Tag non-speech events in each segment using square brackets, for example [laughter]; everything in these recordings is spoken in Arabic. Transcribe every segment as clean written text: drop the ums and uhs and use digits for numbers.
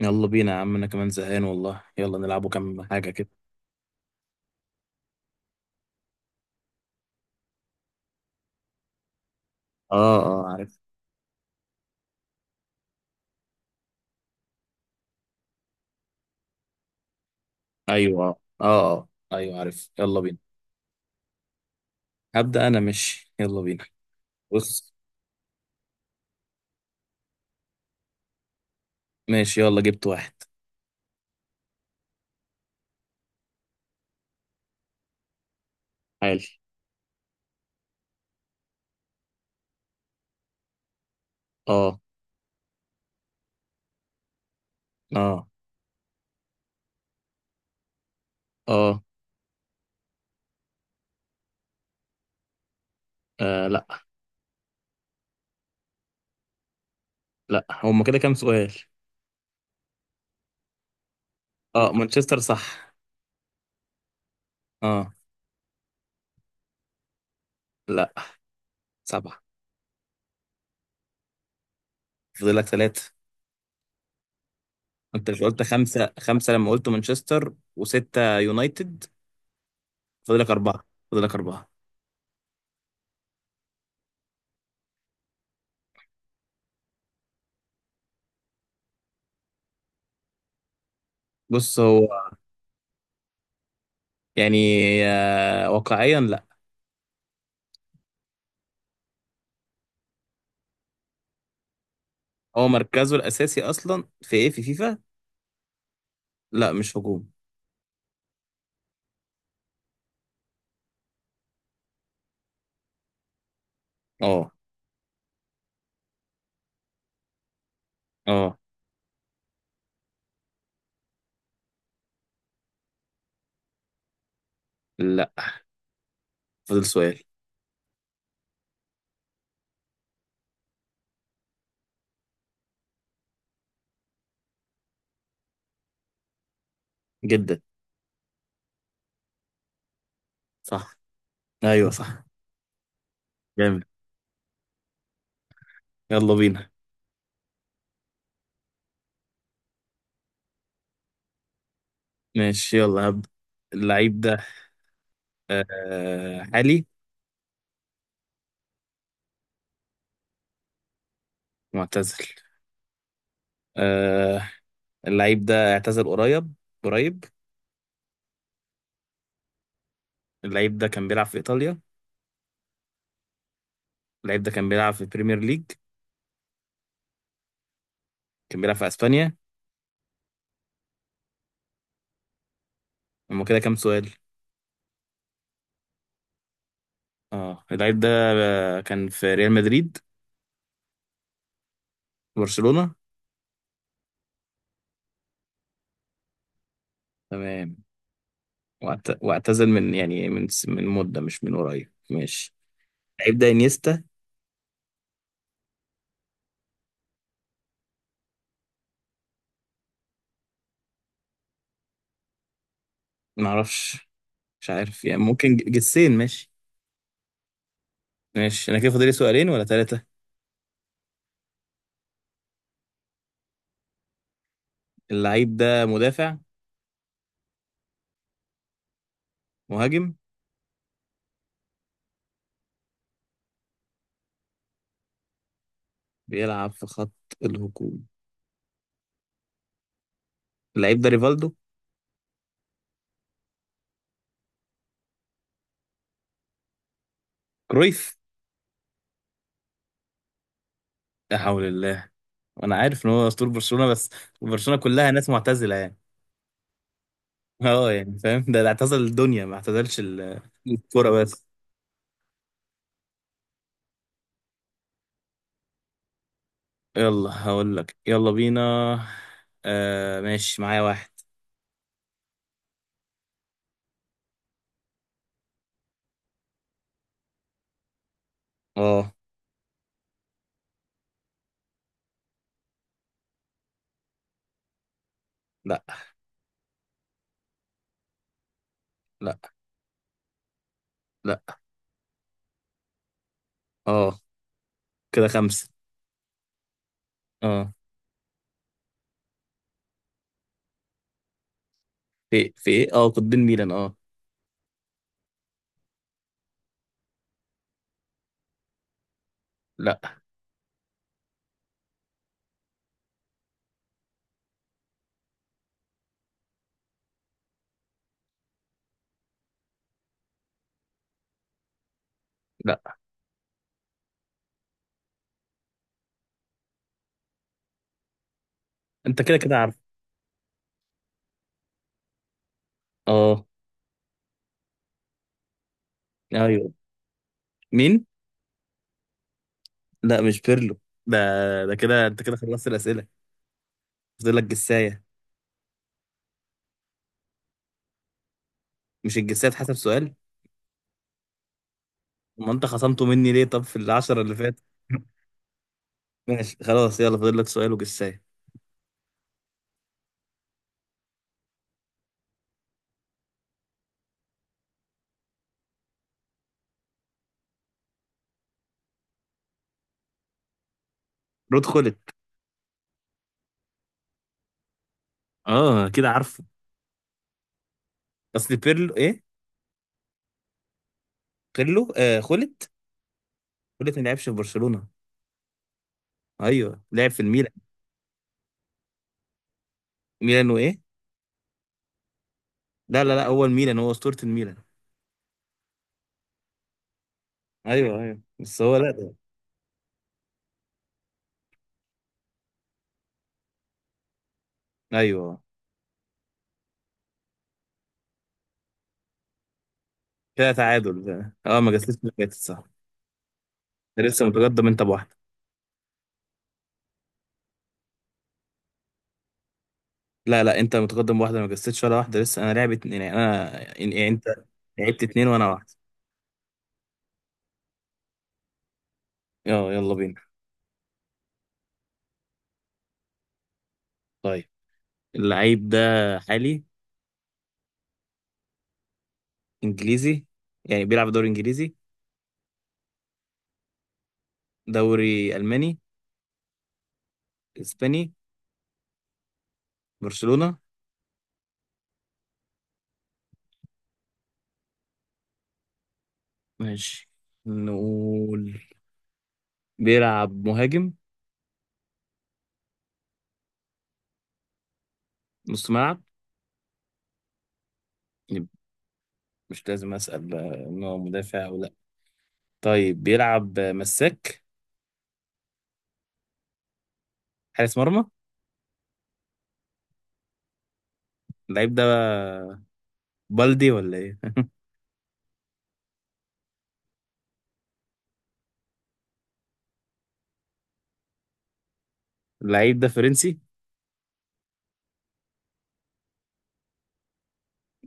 يلا بينا يا عم، انا كمان زهقان والله. يلا نلعبوا كام حاجة كده. اه اه، عارف. ايوه اه اه ايوه، عارف، يلا بينا. هبدأ انا، ماشي يلا بينا. بص. ماشي، يلا جبت واحد. حالي. اه. اه. اه. آه، لا. لا، هما كده كام سؤال؟ اه، مانشستر صح. اه. لا. سبعة. فاضلك ثلاثة. انت مش قلت خمسة خمسة لما قلت مانشستر، وستة يونايتد؟ فاضلك أربعة. فاضلك أربعة. بص، هو يعني، واقعيا لا. هو مركزه الاساسي اصلا في ايه؟ في فيفا؟ لا مش هجوم. اه. اه. لا. فضل سؤال. جدا. صح. ايوه صح. جامد. يلا بينا. ماشي يلا هبدأ. اللعيب ده حالي. معتزل. آه اللعيب ده اعتزل قريب. قريب. اللعيب ده كان بيلعب في ايطاليا. اللعيب ده كان بيلعب في بريمير ليج. كان بيلعب في اسبانيا. هما كده كام سؤال؟ اه، اللعيب ده كان في ريال مدريد. برشلونة. تمام. واعتزل من، يعني من مدة، مش من قريب، ماشي. لعيب ده انيستا. ما اعرفش. مش عارف يعني، ممكن جسين، ماشي. ماشي، انا كده فاضل لي سؤالين ولا ثلاثة؟ اللعيب ده مدافع. مهاجم. بيلعب في خط الهجوم. اللعيب ده ريفالدو. كرويف. لا حول الله. وانا عارف ان هو اسطورة برشلونة بس. برشلونة كلها ناس معتزلة يعني. [laughs] اه يعني فاهم، ده اللي اعتزل الدنيا، ما اعتزلش الكرة بس. يلا هقول لك، يلا بينا. آه ماشي، معايا واحد. اه. لا. لا. لا. اه. كده خمسة. اه. في ايه، اه، قطبين ميلان، اه. لا. لا. انت كده كده عارف. اه. ايوه. مين؟ لا مش بيرلو. ده. ده كده انت كده خلصت الأسئلة. فاضل لك جساية. مش الجساية حسب سؤال؟ ما انت خصمته مني ليه طب في العشرة اللي فاتت؟ [laughs] ماشي خلاص، يلا فاضل لك سؤال وجساية. رود خلت. اه كده عارفه. اصل بيرلو ايه؟ بيرلو آه، خلت. خلت ما لعبش في برشلونة. ايوه لعب في الميلان. ميلان وايه؟ لا لا لا، هو الميلان، هو أسطورة الميلان. ايوه ايوه، بس هو لا ده. ايوه كده تعادل ده. اه، ما جسستش اللي فاتت، صح. ده لسه متقدم انت بواحده. لا لا، انت متقدم بواحده، ما جسستش ولا واحده لسه. انا لعبت اتنين، يعني انا، يعني انت لعبت اتنين وانا واحده. اه، يلا بينا. طيب. اللعيب ده حالي. انجليزي، يعني بيلعب دوري انجليزي. دوري الماني. اسباني. برشلونة. ماشي. نقول بيلعب مهاجم. نص ملعب. يبقى مش لازم اسال بقى ان هو مدافع. طيب بيلعب مساك. حارس مرمى. اللعيب ده بلدي ولا ايه؟ [laughs] اللعيب ده فرنسي.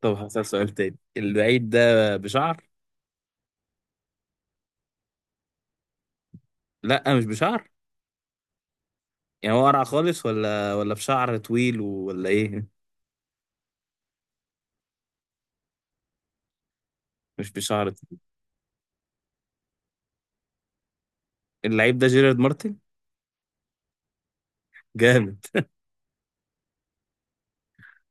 طب هسأل سؤال تاني، اللعيب ده بشعر. لا مش بشعر. يعني هو قرع خالص، ولا بشعر طويل، ولا ايه؟ [laughs] مش بشعر طويل. اللعيب ده جيرارد مارتن. جامد.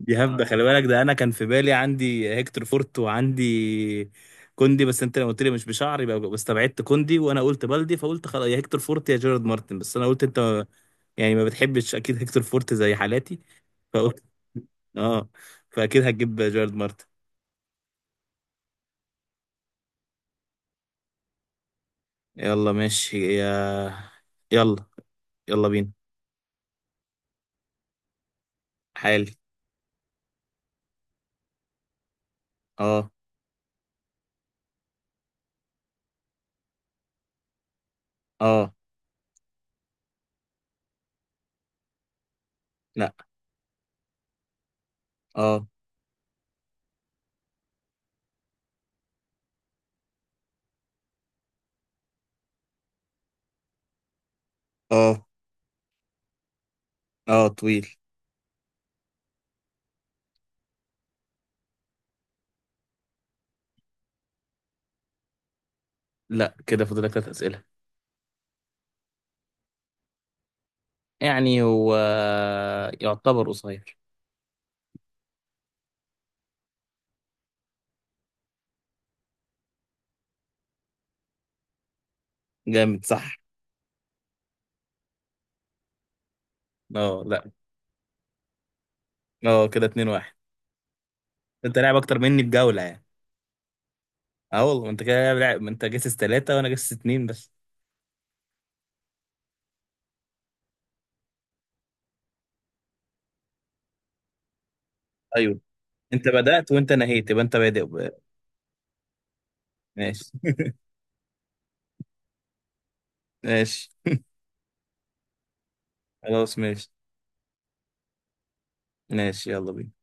دي هبدة، خلي بالك، ده انا كان في بالي عندي هيكتور فورت وعندي كوندي، بس انت لما قلت لي مش بشعر يبقى بس، استبعدت كوندي، وانا قلت بلدي، فقلت خلاص، يا هيكتور فورت يا جيرارد مارتن، بس انا قلت انت يعني ما بتحبش اكيد هيكتور فورت زي حالاتي. فقلت اه، فاكيد هتجيب جارد مارتن. يلا ماشي يا، يلا، يلا بينا. حالي. اه. اه. لا. اه. اه. اه طويل. لا، كده فاضلك ثلاث اسئله. يعني هو يعتبر قصير. جامد صح. اه. لا. اه كده 2-1. انت لاعب اكتر مني بجوله يعني. اه والله، انت كده لاعب، ما انت جسس ثلاثه وانا جسس اتنين بس. ايوه. انت بدات وانت نهيت، يبقى انت بادئ. ماشي. [laughs] ماشي. خلاص ماشي. ماشي يلا بينا.